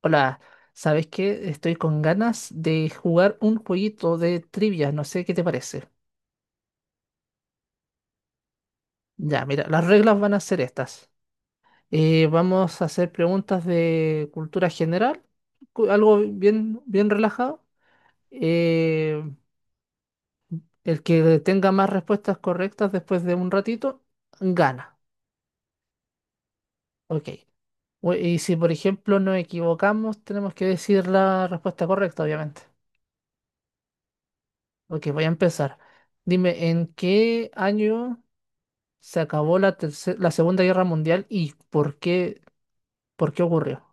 Hola, ¿sabes qué? Estoy con ganas de jugar un jueguito de trivia, no sé qué te parece. Ya, mira, las reglas van a ser estas. Vamos a hacer preguntas de cultura general, algo bien, bien relajado. Eh, el que tenga más respuestas correctas después de un ratito, gana. Ok. Y si, por ejemplo, nos equivocamos, tenemos que decir la respuesta correcta, obviamente. Ok, voy a empezar. Dime, ¿en qué año... se acabó la, la Segunda Guerra Mundial y por qué ocurrió?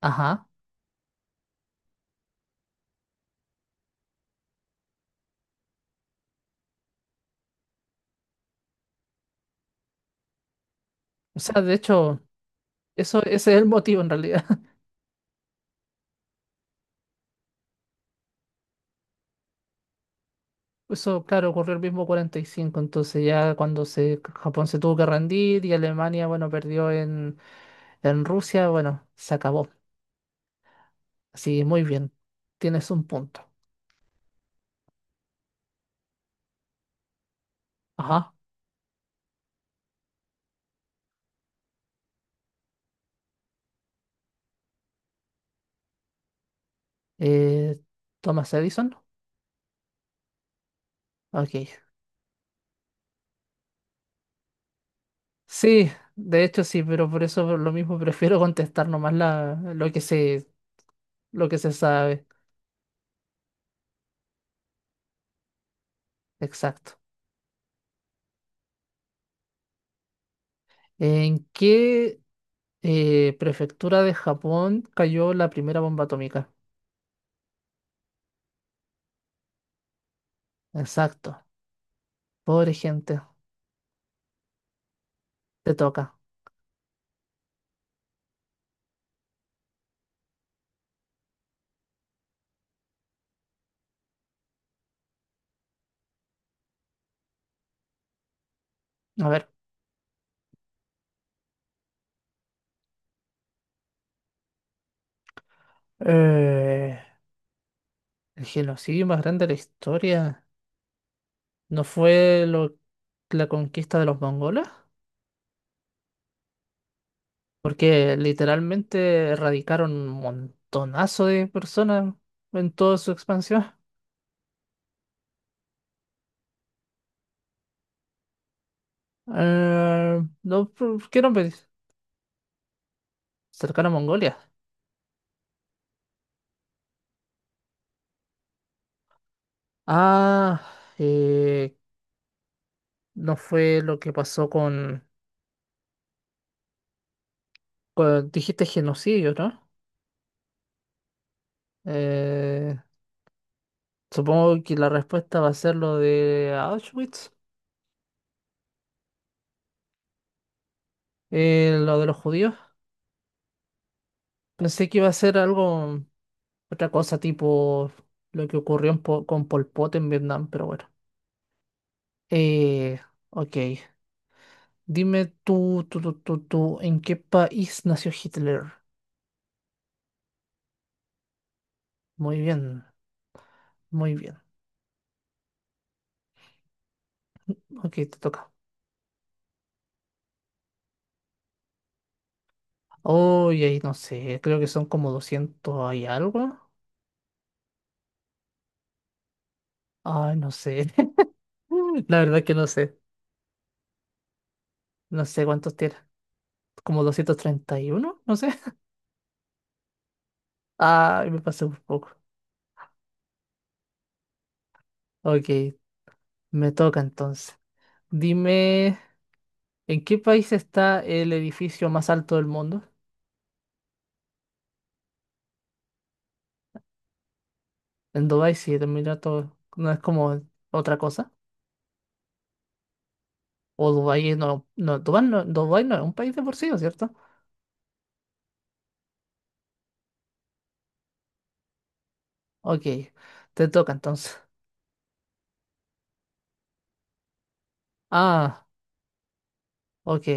Ajá. O sea, de hecho, eso, ese es el motivo en realidad. Eso, claro, ocurrió el mismo 45 entonces ya cuando se, Japón se tuvo que rendir y Alemania, bueno, perdió en Rusia, bueno, se acabó. Así, muy bien, tienes un punto. Ajá. Eh, Thomas Edison. Ok. Sí, de hecho sí, pero por eso por lo mismo prefiero contestar nomás la, lo que se sabe. Exacto. ¿En qué prefectura de Japón cayó la primera bomba atómica? Exacto. Pobre gente. Te toca. A ver. eh, el genocidio más grande de la historia. ¿No fue la conquista de los mongoles? Porque literalmente erradicaron un montonazo de personas en toda su expansión. No, ¿por ¿qué nombre? Cercano a Mongolia. Ah, eh, no fue lo que pasó con, dijiste genocidio, ¿no? Eh, Supongo que la respuesta va a ser lo de Auschwitz, lo de los judíos. Pensé que iba a ser algo, otra cosa tipo lo que ocurrió en con Pol Pot en Vietnam, pero bueno. Eh, ok, dime tú, tú, tú, tú, tú, ¿en qué país nació Hitler? Muy bien, muy bien. Ok, te toca. Oye, ahí no sé, creo que son como 200 y algo. Ay, no sé. La verdad que no sé. No sé cuántos tiene. ¿Como 231? No sé. Ay, me pasé un poco. Ok, me toca entonces. Dime, ¿en qué país está el edificio más alto del mundo? En Dubái, sí, el Emirato no es como otra cosa. O no, no, Dubái no, Dubái no es un país de por sí, ¿no es cierto? Ok, te toca entonces. Ah, ok.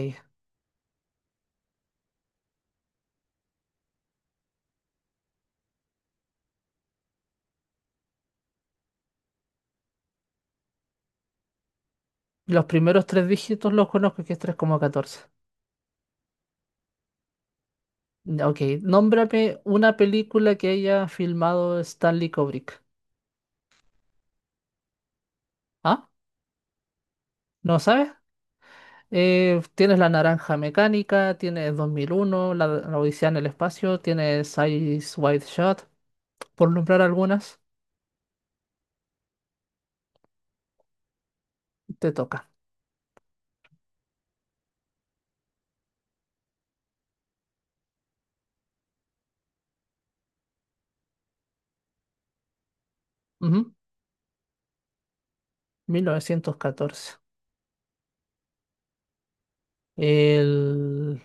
Los primeros tres dígitos los conozco, que es 3,14. Ya, ok, nómbrame una película que haya filmado Stanley Kubrick. ¿Ah? ¿No sabes? Tienes La Naranja Mecánica, tienes 2001, La, la Odisea en el Espacio, tienes Eyes Wide Shot, por nombrar algunas, te toca. Ujú, 1914. El...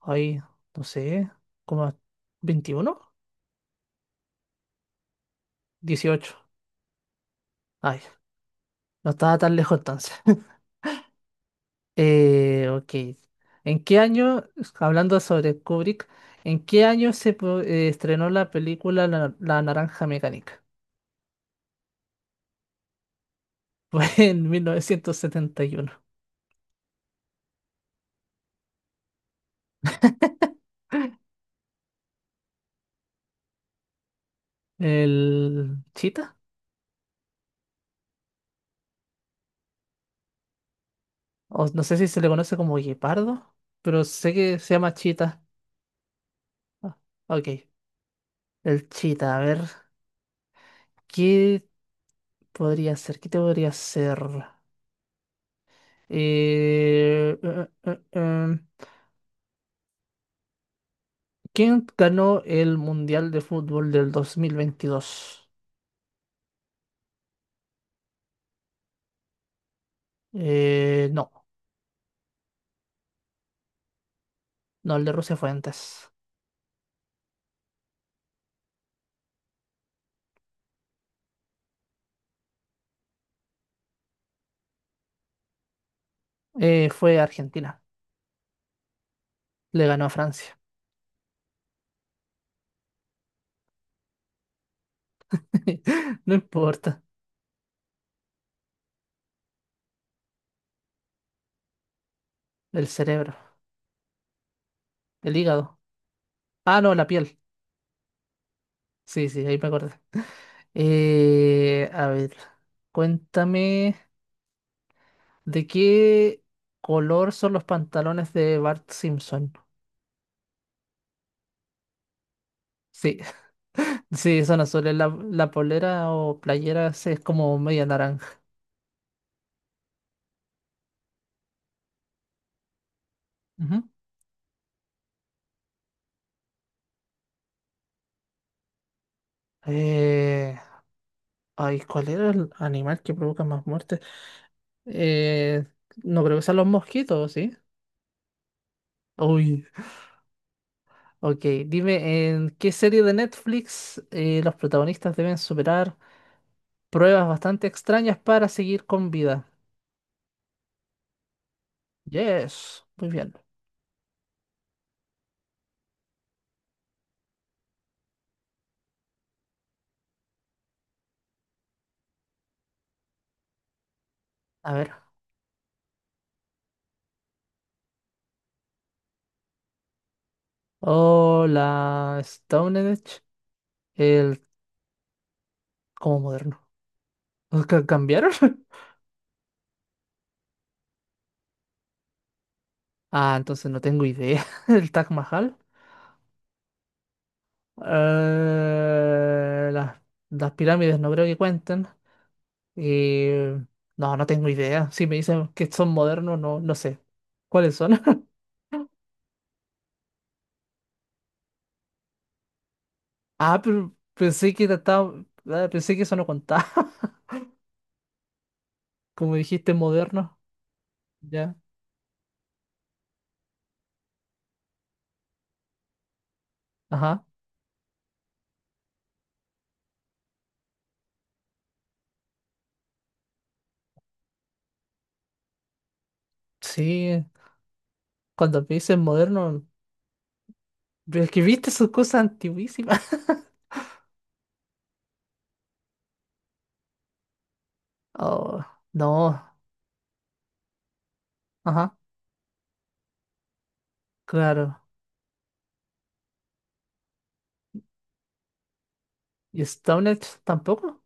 ay, no sé, como ¿21? 18. Ay, no estaba tan lejos entonces. Ok. ¿En qué año, hablando sobre Kubrick, en qué año se estrenó la película La, La Naranja Mecánica? Fue en 1971. ¿El Chita? O no sé si se le conoce como guepardo, pero sé que se llama Chita. Ah, ok. El Chita, a ver, ¿qué podría ser? ¿Qué te podría ser? Eh, eh, eh, eh, ¿Quién ganó el Mundial de Fútbol del 2022? No, no, el de Rusia fue antes. Fue Argentina. Le ganó a Francia. No importa. El cerebro, el hígado. Ah, no, la piel. Sí, sí, ahí me acordé. A ver, cuéntame de qué color son los pantalones de Bart Simpson. Sí, sí, son azules. La polera o playera sí, es como media naranja. Ujú. Eh, Ay, ¿cuál era el animal que provoca más muertes? Eh, no creo que sean los mosquitos, ¿sí? Uy, ok. Dime, ¿en qué serie de Netflix los protagonistas deben superar pruebas bastante extrañas para seguir con vida? Yes, muy bien. A ver. Hola, Stone Age, el... ¿Cómo moderno? Cambiaron? Ah, entonces no tengo idea. El Taj Mahal. Eh, las, las pirámides no creo que cuenten. Eh, no, no tengo idea. Si me dicen que son modernos, no, no sé. ¿Cuáles son? Ah, pero ah, pensé que eso no contaba. Como dijiste, moderno. Ya. Ajá. Sí. Cuando me dicen moderno, pero es que viste sus cosas antiguísimas. Oh, no. Ajá. Claro. ¿Y Stonehenge tampoco?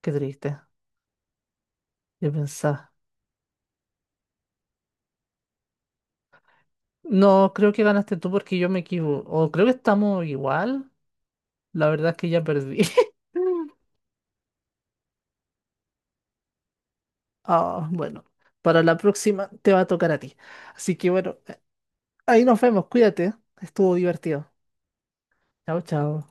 Qué triste. De pensar. No, creo que ganaste tú porque yo me equivoco. O creo que estamos igual. La verdad es que ya perdí. Ah, bueno, para la próxima te va a tocar a ti. Así que bueno, ahí nos vemos, cuídate, estuvo divertido. Chao, chao.